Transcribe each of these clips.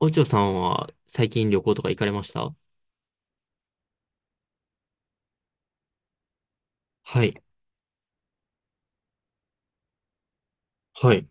おちょさんは最近旅行とか行かれました？はい。はい。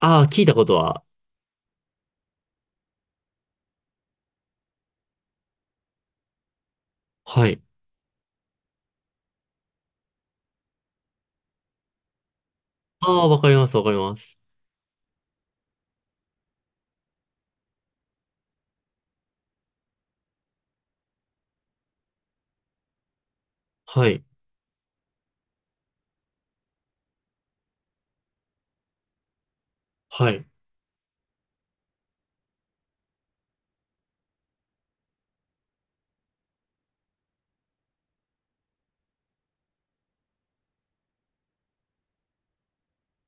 ああ、聞いたことは。はい。ああ、わかります、わかります。はい。はい。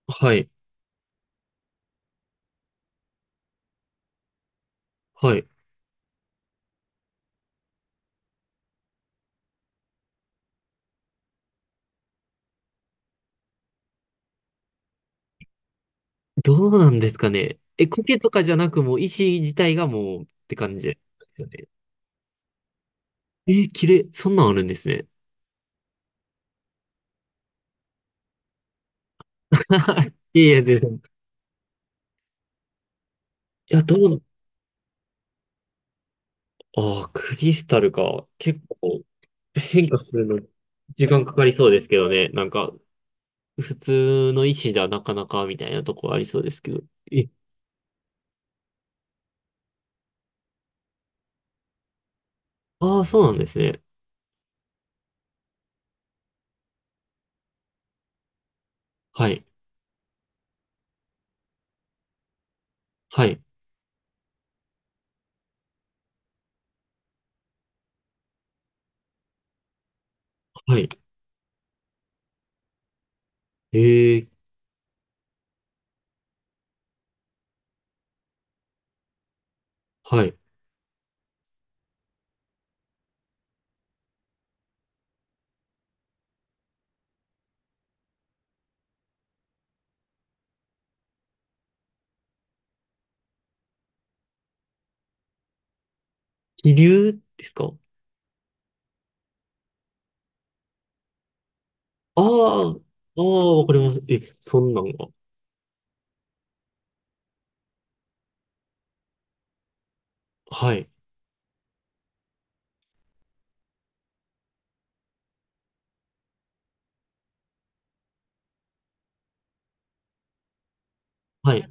はい。はい。どうなんですかね。え、苔とかじゃなく、もう石自体がもうって感じですよね。えー、綺麗。そんなんあるんですね。いやいや、全然。いや、どう、ああ、クリスタルか。結構変化するの時間かかりそうですけどね。普通の石じゃなかなかみたいなとこありそうですけど。え、ああ、そうなんですね。はい。はい。はい。ええ、はい。気流ですか？ああ、ああ、わかります。え、そんなんが。はい。はい。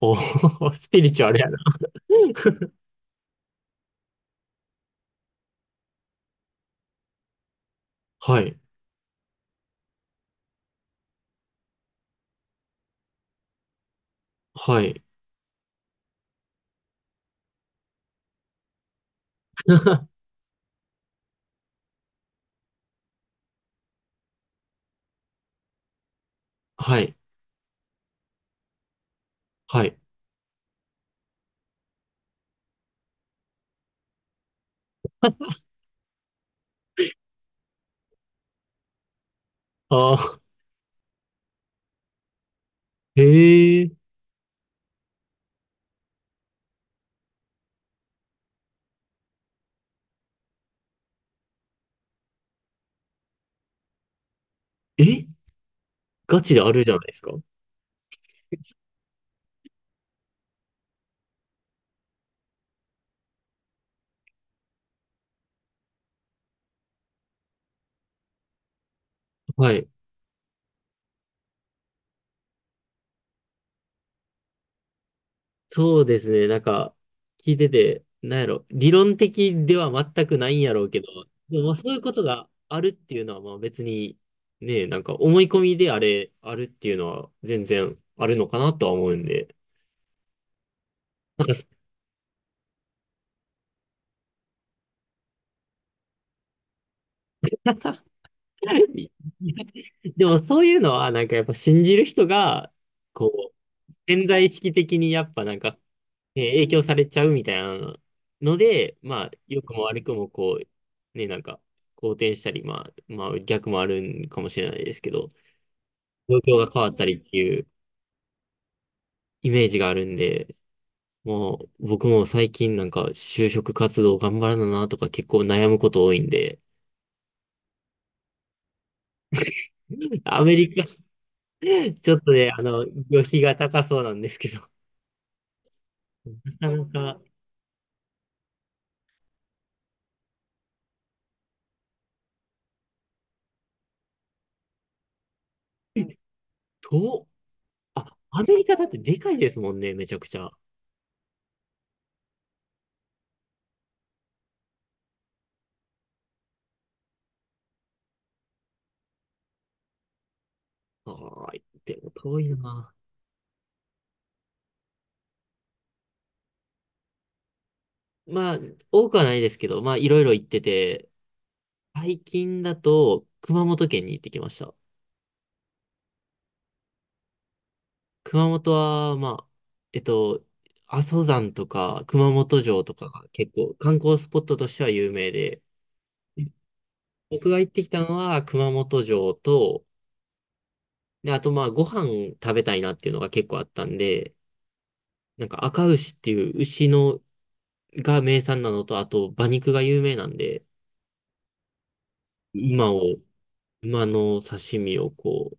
おー スピリチュアルやな。はい。はい。はい。はい。ああ、ええ、え、ガチであるじゃないですか。はい。そうですね。聞いてて、なんやろ、理論的では全くないんやろうけど、でもまあそういうことがあるっていうのは、まあ別に、ね、なんか思い込みであれ、あるっていうのは全然あるのかなとは思うんで。なんか。 でもそういうのは、なんかやっぱ信じる人が、こう、潜在意識的にやっぱなんかね、影響されちゃうみたいなので、まあ、良くも悪くも、こう、ね、なんか、好転したり、まあ、まあ、逆もあるんかもしれないですけど、状況が変わったりっていうイメージがあるんで、もう、僕も最近なんか、就職活動頑張らななとか結構悩むこと多いんで、アメリカ、ちょっとね、旅費が高そうなんですけど、なかなか、遠、あ、アメリカだってでかいですもんね、めちゃくちゃ。ああ、でも遠いな。まあ、多くはないですけど、まあ、いろいろ行ってて、最近だと、熊本県に行ってきました。熊本は、まあ、えっと、阿蘇山とか、熊本城とかが結構観光スポットとしては有名で、僕が行ってきたのは熊本城と、で、あとまあ、ご飯食べたいなっていうのが結構あったんで、なんか赤牛っていう牛のが名産なのと、あと馬肉が有名なんで、馬を、馬の刺身をこう、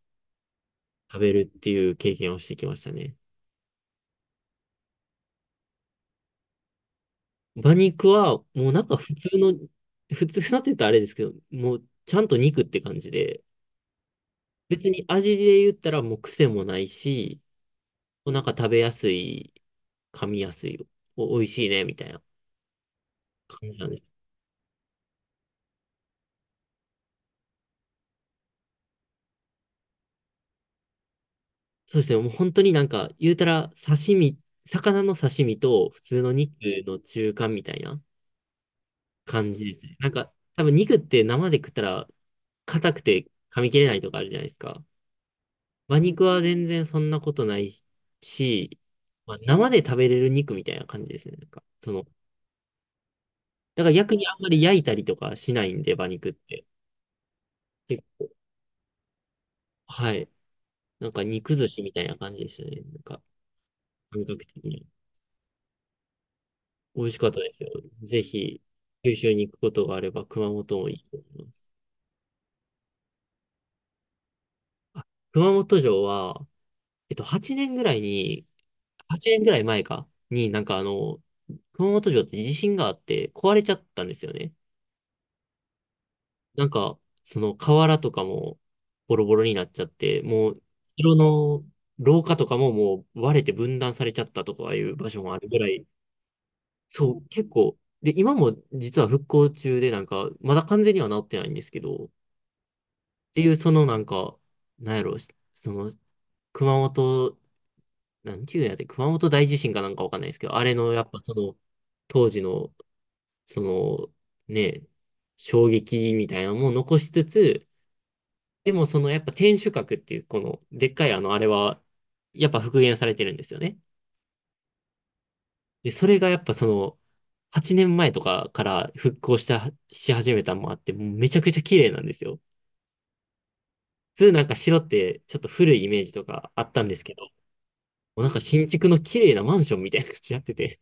食べるっていう経験をしてきましたね。馬肉は、もうなんか普通の、普通なって言ったらあれですけど、もうちゃんと肉って感じで、別に味で言ったらもう癖もないし、なんか食べやすい、噛みやすい、お、美味しいね、みたいな感じなんです。そうですね、もう本当になんか、言うたら刺身、魚の刺身と普通の肉の中間みたいな感じですね。なんか、多分肉って生で食ったら硬くて噛み切れないとかあるじゃないですか。馬肉は全然そんなことないし、まあ、生で食べれる肉みたいな感じですね。なんか、その、だから逆にあんまり焼いたりとかしないんで、馬肉って。結構はい。なんか肉寿司みたいな感じでしたね。なんか、感覚的に。美味しかったですよ。ぜひ、九州に行くことがあれば、熊本もいいと思います。あ、熊本城は、8年ぐらいに、8年ぐらい前か、になんかあの、熊本城って地震があって壊れちゃったんですよね。なんか、その瓦とかもボロボロになっちゃって、もう、城の廊下とかももう割れて分断されちゃったとかいう場所もあるぐらい、そう、結構、で、今も実は復興中で、なんか、まだ完全には治ってないんですけど、っていう、そのなんか、なんやろ、その、熊本、なんていうんやって、熊本大地震かなんかわかんないですけど、あれの、やっぱその、当時の、その、ね、衝撃みたいなのも残しつつ、でもそのやっぱ天守閣っていうこのでっかいあのあれはやっぱ復元されてるんですよね。で、それがやっぱその8年前とかから復興したし始めたのもあってもうめちゃくちゃ綺麗なんですよ。普通なんか城ってちょっと古いイメージとかあったんですけど、もうなんか新築の綺麗なマンションみたいな感じになってて、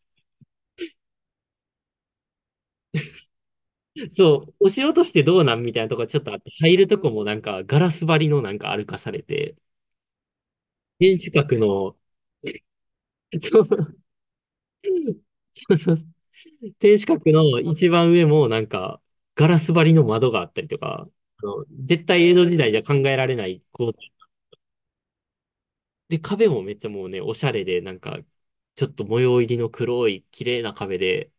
そう、お城としてどうなんみたいなとこちょっとあって、入るとこもなんかガラス張りのなんか歩かされて、天守閣の、そうそうそう天守閣の一番上もなんか、ガラス張りの窓があったりとか、あの絶対江戸時代じゃ考えられない構造。で、壁もめっちゃもうね、おしゃれで、なんか、ちょっと模様入りの黒い綺麗な壁で、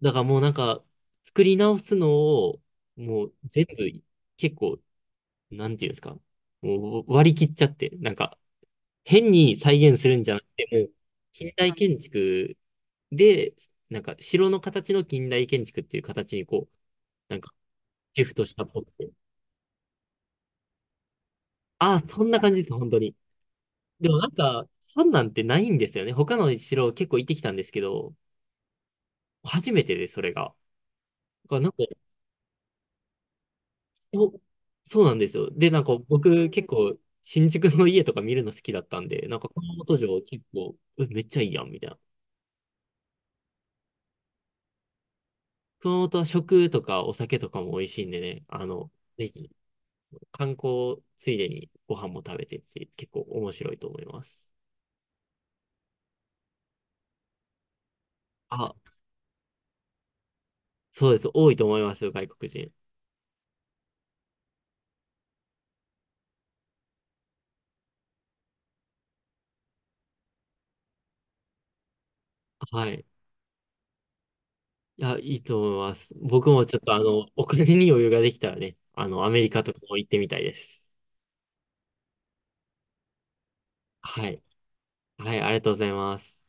だからもうなんか、作り直すのを、もう全部、結構、なんていうんですか、もう割り切っちゃって、なんか、変に再現するんじゃなくて、もう、近代建築で、なんか、城の形の近代建築っていう形にこう、なんか、ギフトしたっぽくて。ああ、そんな感じです、本当に。でもなんか、そんなんてないんですよね。他の城結構行ってきたんですけど、初めてです、それが。だからなんか、そう、そうなんですよ。で、なんか僕結構、新宿の家とか見るの好きだったんで、なんか熊本城結構、えめっちゃいいやん、みたいな。熊本は食とかお酒とかも美味しいんでね、ぜひ観光ついでにご飯も食べてって結構面白いと思います。あ、そうです。多いと思いますよ、外国人。はい。いや、いいと思います。僕もちょっとあの、お金に余裕ができたらね、アメリカとかも行ってみたいです。はい。はい、ありがとうございます。